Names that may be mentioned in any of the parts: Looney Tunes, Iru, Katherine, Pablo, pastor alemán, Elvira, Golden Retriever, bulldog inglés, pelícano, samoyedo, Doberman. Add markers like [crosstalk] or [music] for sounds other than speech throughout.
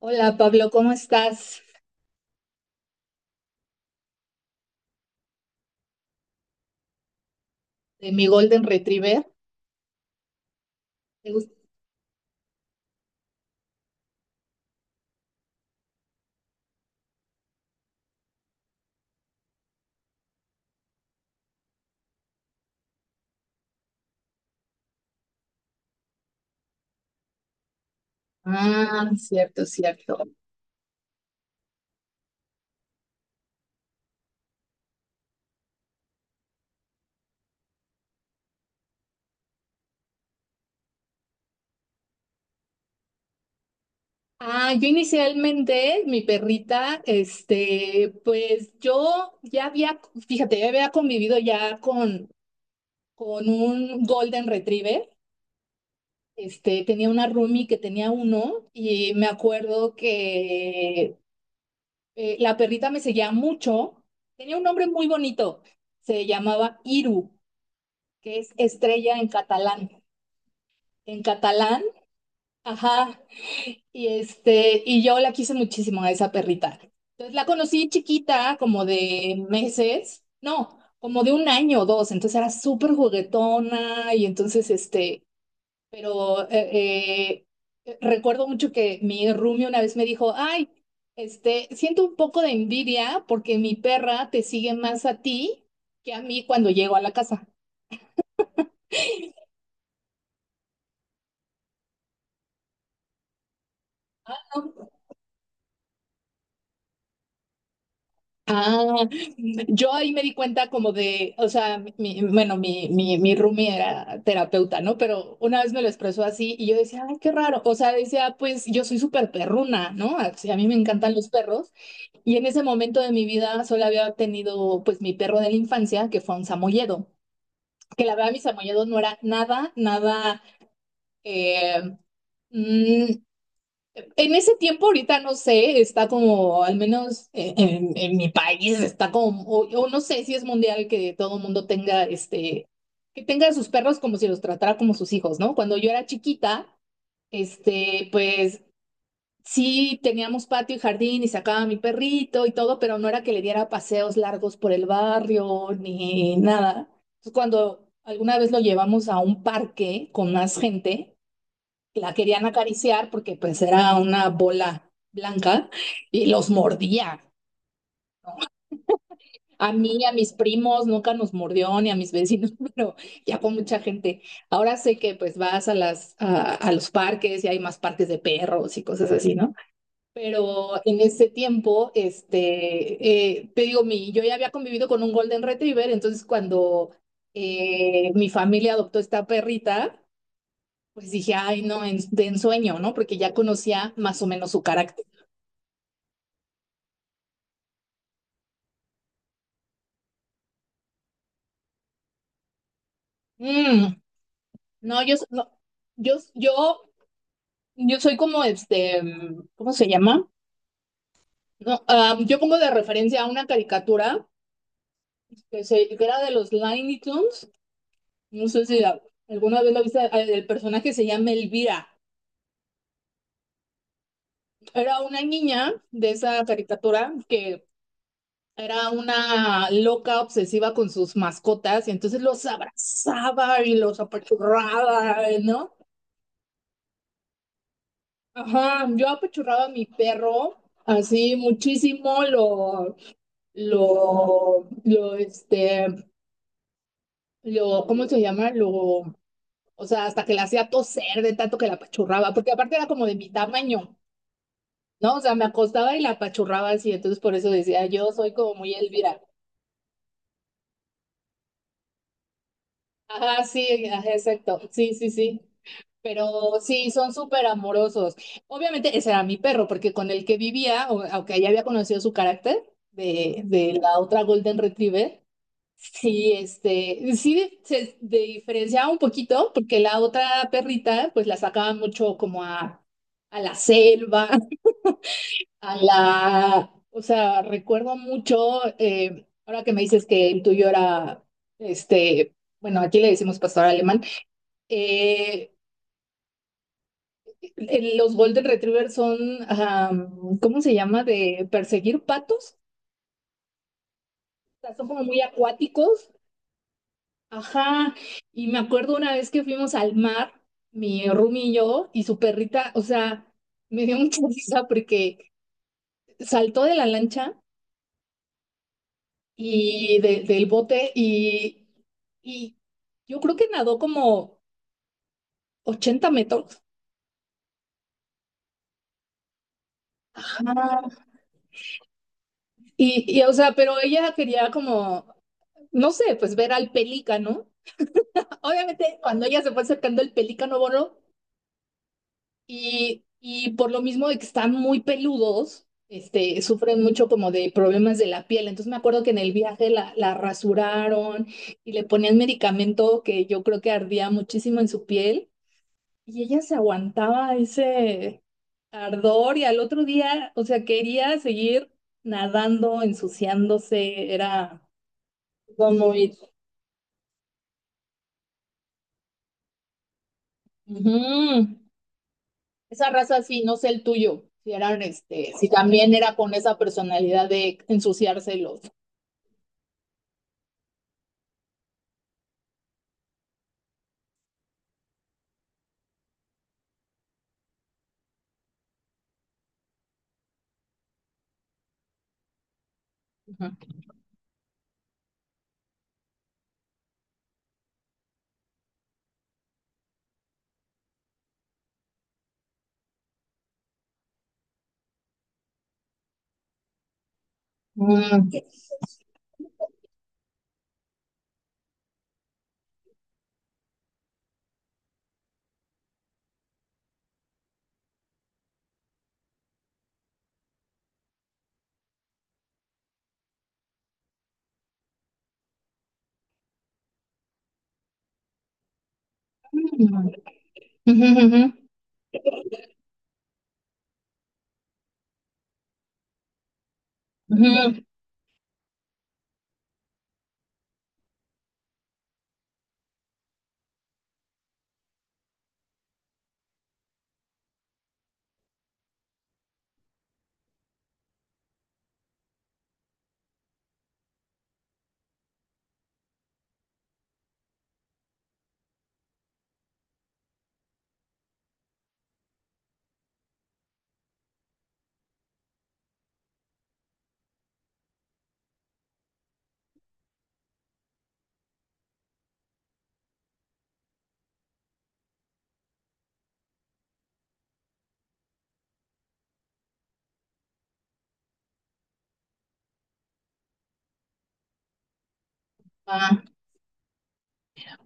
Hola Pablo, ¿cómo estás? De mi Golden Retriever. ¿Te gusta? Ah, cierto, cierto. Ah, yo inicialmente, mi perrita, pues yo ya había, fíjate, ya había convivido ya con un Golden Retriever. Tenía una roomie que tenía uno y me acuerdo que la perrita me seguía mucho. Tenía un nombre muy bonito, se llamaba Iru, que es estrella en catalán. En catalán. Ajá, y yo la quise muchísimo a esa perrita. Entonces la conocí chiquita, como de meses, no, como de un año o dos, entonces era súper juguetona y entonces pero recuerdo mucho que mi roomie una vez me dijo, ay, siento un poco de envidia porque mi perra te sigue más a ti que a mí cuando llego a la casa. Ah, yo ahí me di cuenta como de, o sea, mi, bueno, mi roomie era terapeuta, ¿no? Pero una vez me lo expresó así y yo decía, ay, qué raro. O sea, decía, pues yo soy súper perruna, ¿no? Así, a mí me encantan los perros. Y en ese momento de mi vida solo había tenido, pues, mi perro de la infancia, que fue un samoyedo. Que la verdad, mi samoyedo no era nada, nada, eh, mm, en ese tiempo, ahorita no sé, está como, al menos en, mi país, está como, o no sé si es mundial que todo el mundo tenga, este, que tenga a sus perros como si los tratara como sus hijos, ¿no? Cuando yo era chiquita, pues sí teníamos patio y jardín y sacaba a mi perrito y todo, pero no era que le diera paseos largos por el barrio ni nada. Entonces, cuando alguna vez lo llevamos a un parque con más gente, la querían acariciar porque pues era una bola blanca y los mordía. A mí, a mis primos, nunca nos mordió, ni a mis vecinos, [laughs] pero ya con mucha gente. Ahora sé que pues vas a los parques y hay más parques de perros y cosas así, ¿no? Pero en ese tiempo, te digo, yo ya había convivido con un Golden Retriever, entonces cuando mi familia adoptó esta perrita. Pues dije, ay, no, de ensueño, ¿no? Porque ya conocía más o menos su carácter. Mm, no, yo, no, yo, yo, yo soy como ¿cómo se llama? No, ah, yo pongo de referencia a una caricatura que era de los Looney Tunes. No sé si alguna vez la viste, ah, el personaje se llama Elvira. Era una niña de esa caricatura que era una loca obsesiva con sus mascotas y entonces los abrazaba y los apachurraba, ¿no? Ajá, yo apachurraba a mi perro así muchísimo, lo, lo, este, lo, ¿cómo se llama? O sea, hasta que la hacía toser de tanto que la apachurraba, porque aparte era como de mi tamaño, ¿no? O sea, me acostaba y la apachurraba así, entonces por eso decía, yo soy como muy Elvira. Ajá, sí, ajá, exacto, sí, sí, sí. Pero sí, son súper amorosos. Obviamente ese era mi perro, porque con el que vivía, aunque ya había conocido su carácter de la otra Golden Retriever, sí, se diferenciaba un poquito, porque la otra perrita, pues la sacaban mucho como a la selva, o sea, recuerdo mucho, ahora que me dices que el tuyo era, este, bueno, aquí le decimos pastor alemán. Eh, Los Golden Retriever son, ajá, ¿cómo se llama? De perseguir patos. O sea, son como muy acuáticos. Ajá. Y me acuerdo una vez que fuimos al mar, mi roomie y yo, y su perrita, o sea, me dio [laughs] mucha risa porque saltó de la lancha y del bote y yo creo que nadó como 80 metros. Ajá. O sea, pero ella quería como, no sé, pues ver al pelícano. Obviamente, cuando ella se fue acercando el pelícano bono y por lo mismo de que están muy peludos, este, sufren mucho como de problemas de la piel. Entonces me acuerdo que en el viaje la rasuraron y le ponían medicamento que yo creo que ardía muchísimo en su piel y ella se aguantaba ese ardor y al otro día, o sea, quería seguir nadando, ensuciándose, era como. Ujú. Esa raza sí, no sé el tuyo, si también era con esa personalidad de ensuciárselos. Ujú. Mm. Ujú, ujú, ujú. Ah,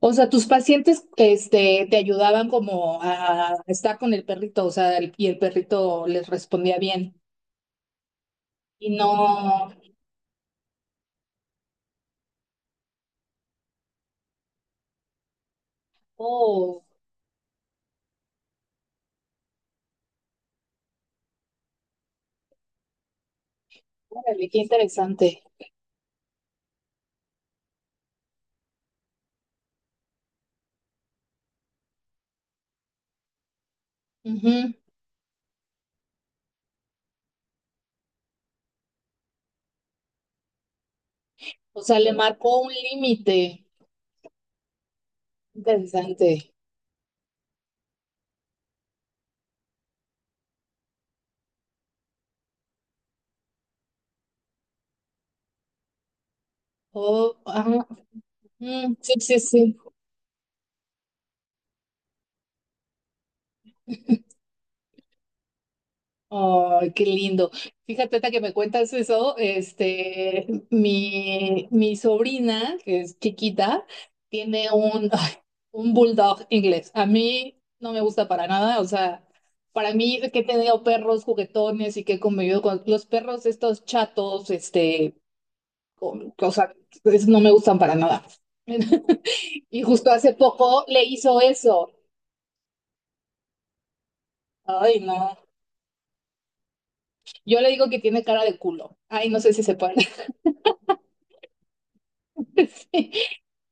o sea, tus pacientes te ayudaban como a estar con el perrito, o sea, y el perrito les respondía bien. Y no, oh, órale, qué interesante. Ujú. O sea, le marcó un límite. Interesante. Oh, ah, mm, sí, sí, sí. Ay, qué lindo. Fíjate ahorita que me cuentas eso, mi sobrina, que es chiquita, tiene un bulldog inglés. A mí no me gusta para nada, o sea, para mí que he tenido perros juguetones y que he convivido con los perros estos chatos, o sea, esos no me gustan para nada. [laughs] Y justo hace poco le hizo eso. Ay, no. Yo le digo que tiene cara de culo. Ay, no sé si se puede. [laughs] Sí.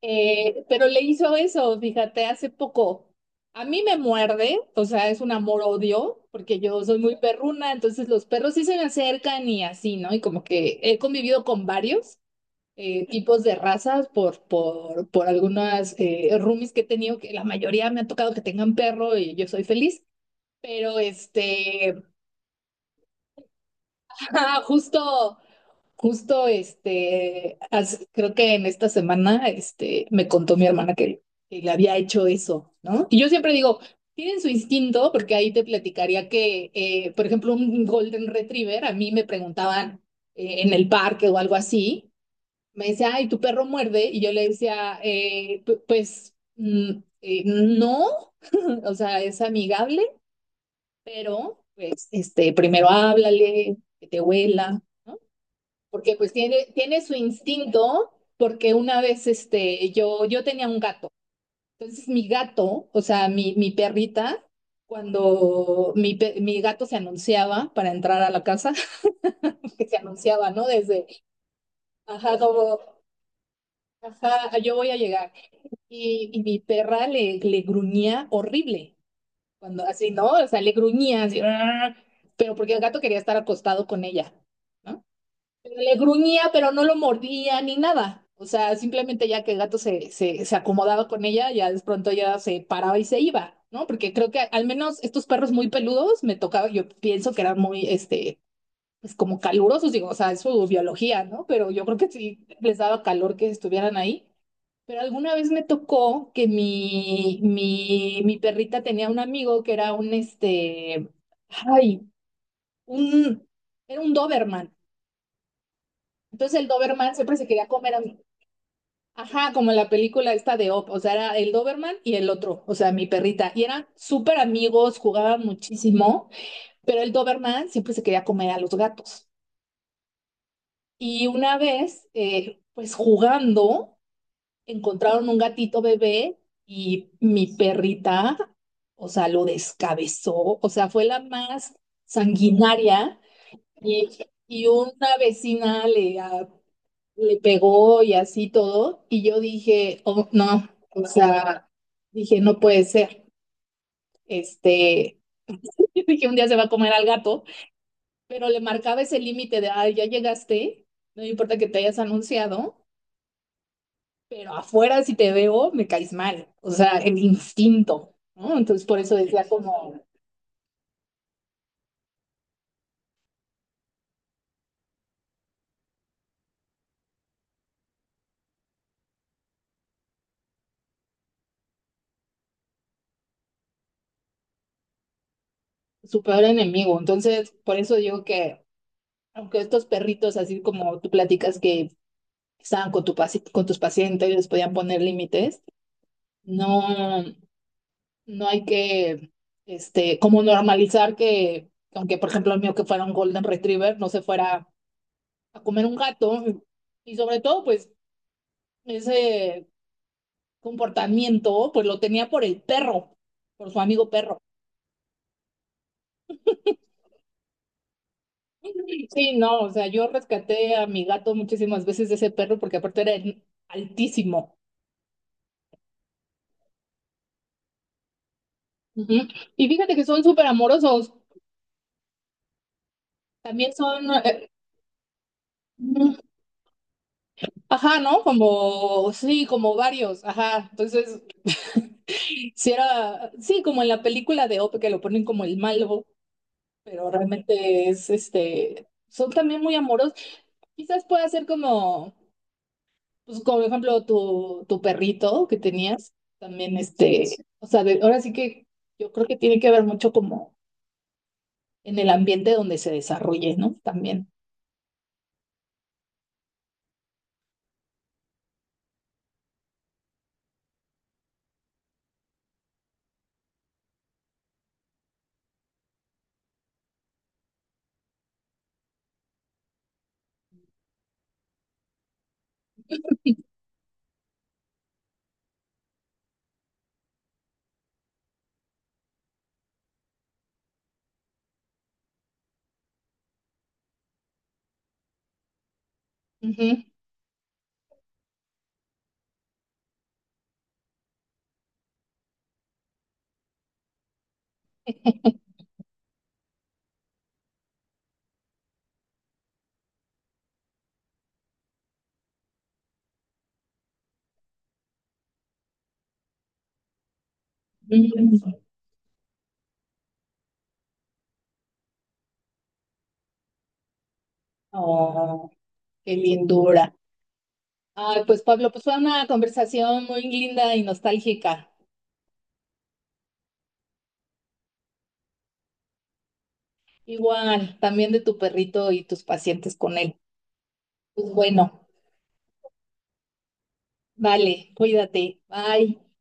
Pero le hizo eso, fíjate, hace poco. A mí me muerde, o sea, es un amor-odio, porque yo soy muy perruna, entonces los perros sí se me acercan y así, ¿no? Y como que he convivido con varios tipos de razas por algunas roomies que he tenido, que la mayoría me ha tocado que tengan perro y yo soy feliz, pero [laughs] justo. Justo, creo que en esta semana, me contó mi hermana que le había hecho eso, ¿no? Y yo siempre digo, tienen su instinto, porque ahí te platicaría que, por ejemplo, un Golden Retriever, a mí me preguntaban en el parque o algo así, me decía, ay, tu perro muerde, y yo le decía, "Pues, no, [laughs] o sea, es amigable, pero, pues, primero háblale, que te huela, ¿no? porque pues tiene su instinto, porque una vez yo tenía un gato. Entonces mi gato, o sea, mi perrita, cuando mi gato se anunciaba para entrar a la casa, [laughs] que se anunciaba, ¿no? Desde, ajá, como, ajá, yo voy a llegar. Y mi perra le gruñía horrible, cuando así, ¿no? O sea, le gruñía así, "Arr", pero porque el gato quería estar acostado con ella, ¿no? Le gruñía, pero no lo mordía ni nada. O sea, simplemente ya que el gato se acomodaba con ella, ya de pronto ya se paraba y se iba, ¿no? Porque creo que al menos estos perros muy peludos me tocaba, yo pienso que eran muy, pues como calurosos, digo, o sea, es su biología, ¿no? Pero yo creo que sí les daba calor que estuvieran ahí. Pero alguna vez me tocó que mi perrita tenía un amigo que era un, este, ay, un, era un Doberman. Entonces el Doberman siempre se quería comer a. Ajá, como la película esta de Op, o sea, era el Doberman y el otro, o sea, mi perrita, y eran súper amigos, jugaban muchísimo, pero el Doberman siempre se quería comer a los gatos. Y una vez, pues jugando, encontraron un gatito bebé y mi perrita, o sea, lo descabezó, o sea, fue la más sanguinaria y, y una vecina le pegó y así todo, y yo dije, oh, no, o sea, dije, no puede ser, este, [laughs] dije, un día se va a comer al gato, pero le marcaba ese límite de, ay, ya llegaste, no me importa que te hayas anunciado, pero afuera si te veo, me caes mal, o sea, el instinto, ¿no? Entonces, por eso decía como su peor enemigo, entonces, por eso digo que, aunque estos perritos, así como tú platicas que estaban con tus pacientes, les podían poner límites, no. No hay que, como normalizar que, aunque por ejemplo el mío que fuera un Golden Retriever, no se fuera a comer un gato. Y sobre todo, pues, ese comportamiento, pues lo tenía por el perro, por su amigo perro. Sí, no, o sea, yo rescaté a mi gato muchísimas veces de ese perro porque aparte era altísimo. Ujú. Y fíjate que son súper amorosos. También son, mm, ajá, ¿no? Como, sí, como varios, ajá. Entonces, [laughs] Si era, sí, como en la película de Op que lo ponen como el malo, pero realmente son también muy amorosos. Quizás pueda ser como, pues como por ejemplo tu perrito que tenías, también o sea, ahora sí que yo creo que tiene que ver mucho como en el ambiente donde se desarrolle, ¿no? También. Ujú, ujú. Oh, qué lindura. Ay, pues Pablo, pues fue una conversación muy linda y nostálgica. Igual, también de tu perrito y tus pacientes con él. Pues bueno, vale, cuídate. Bye.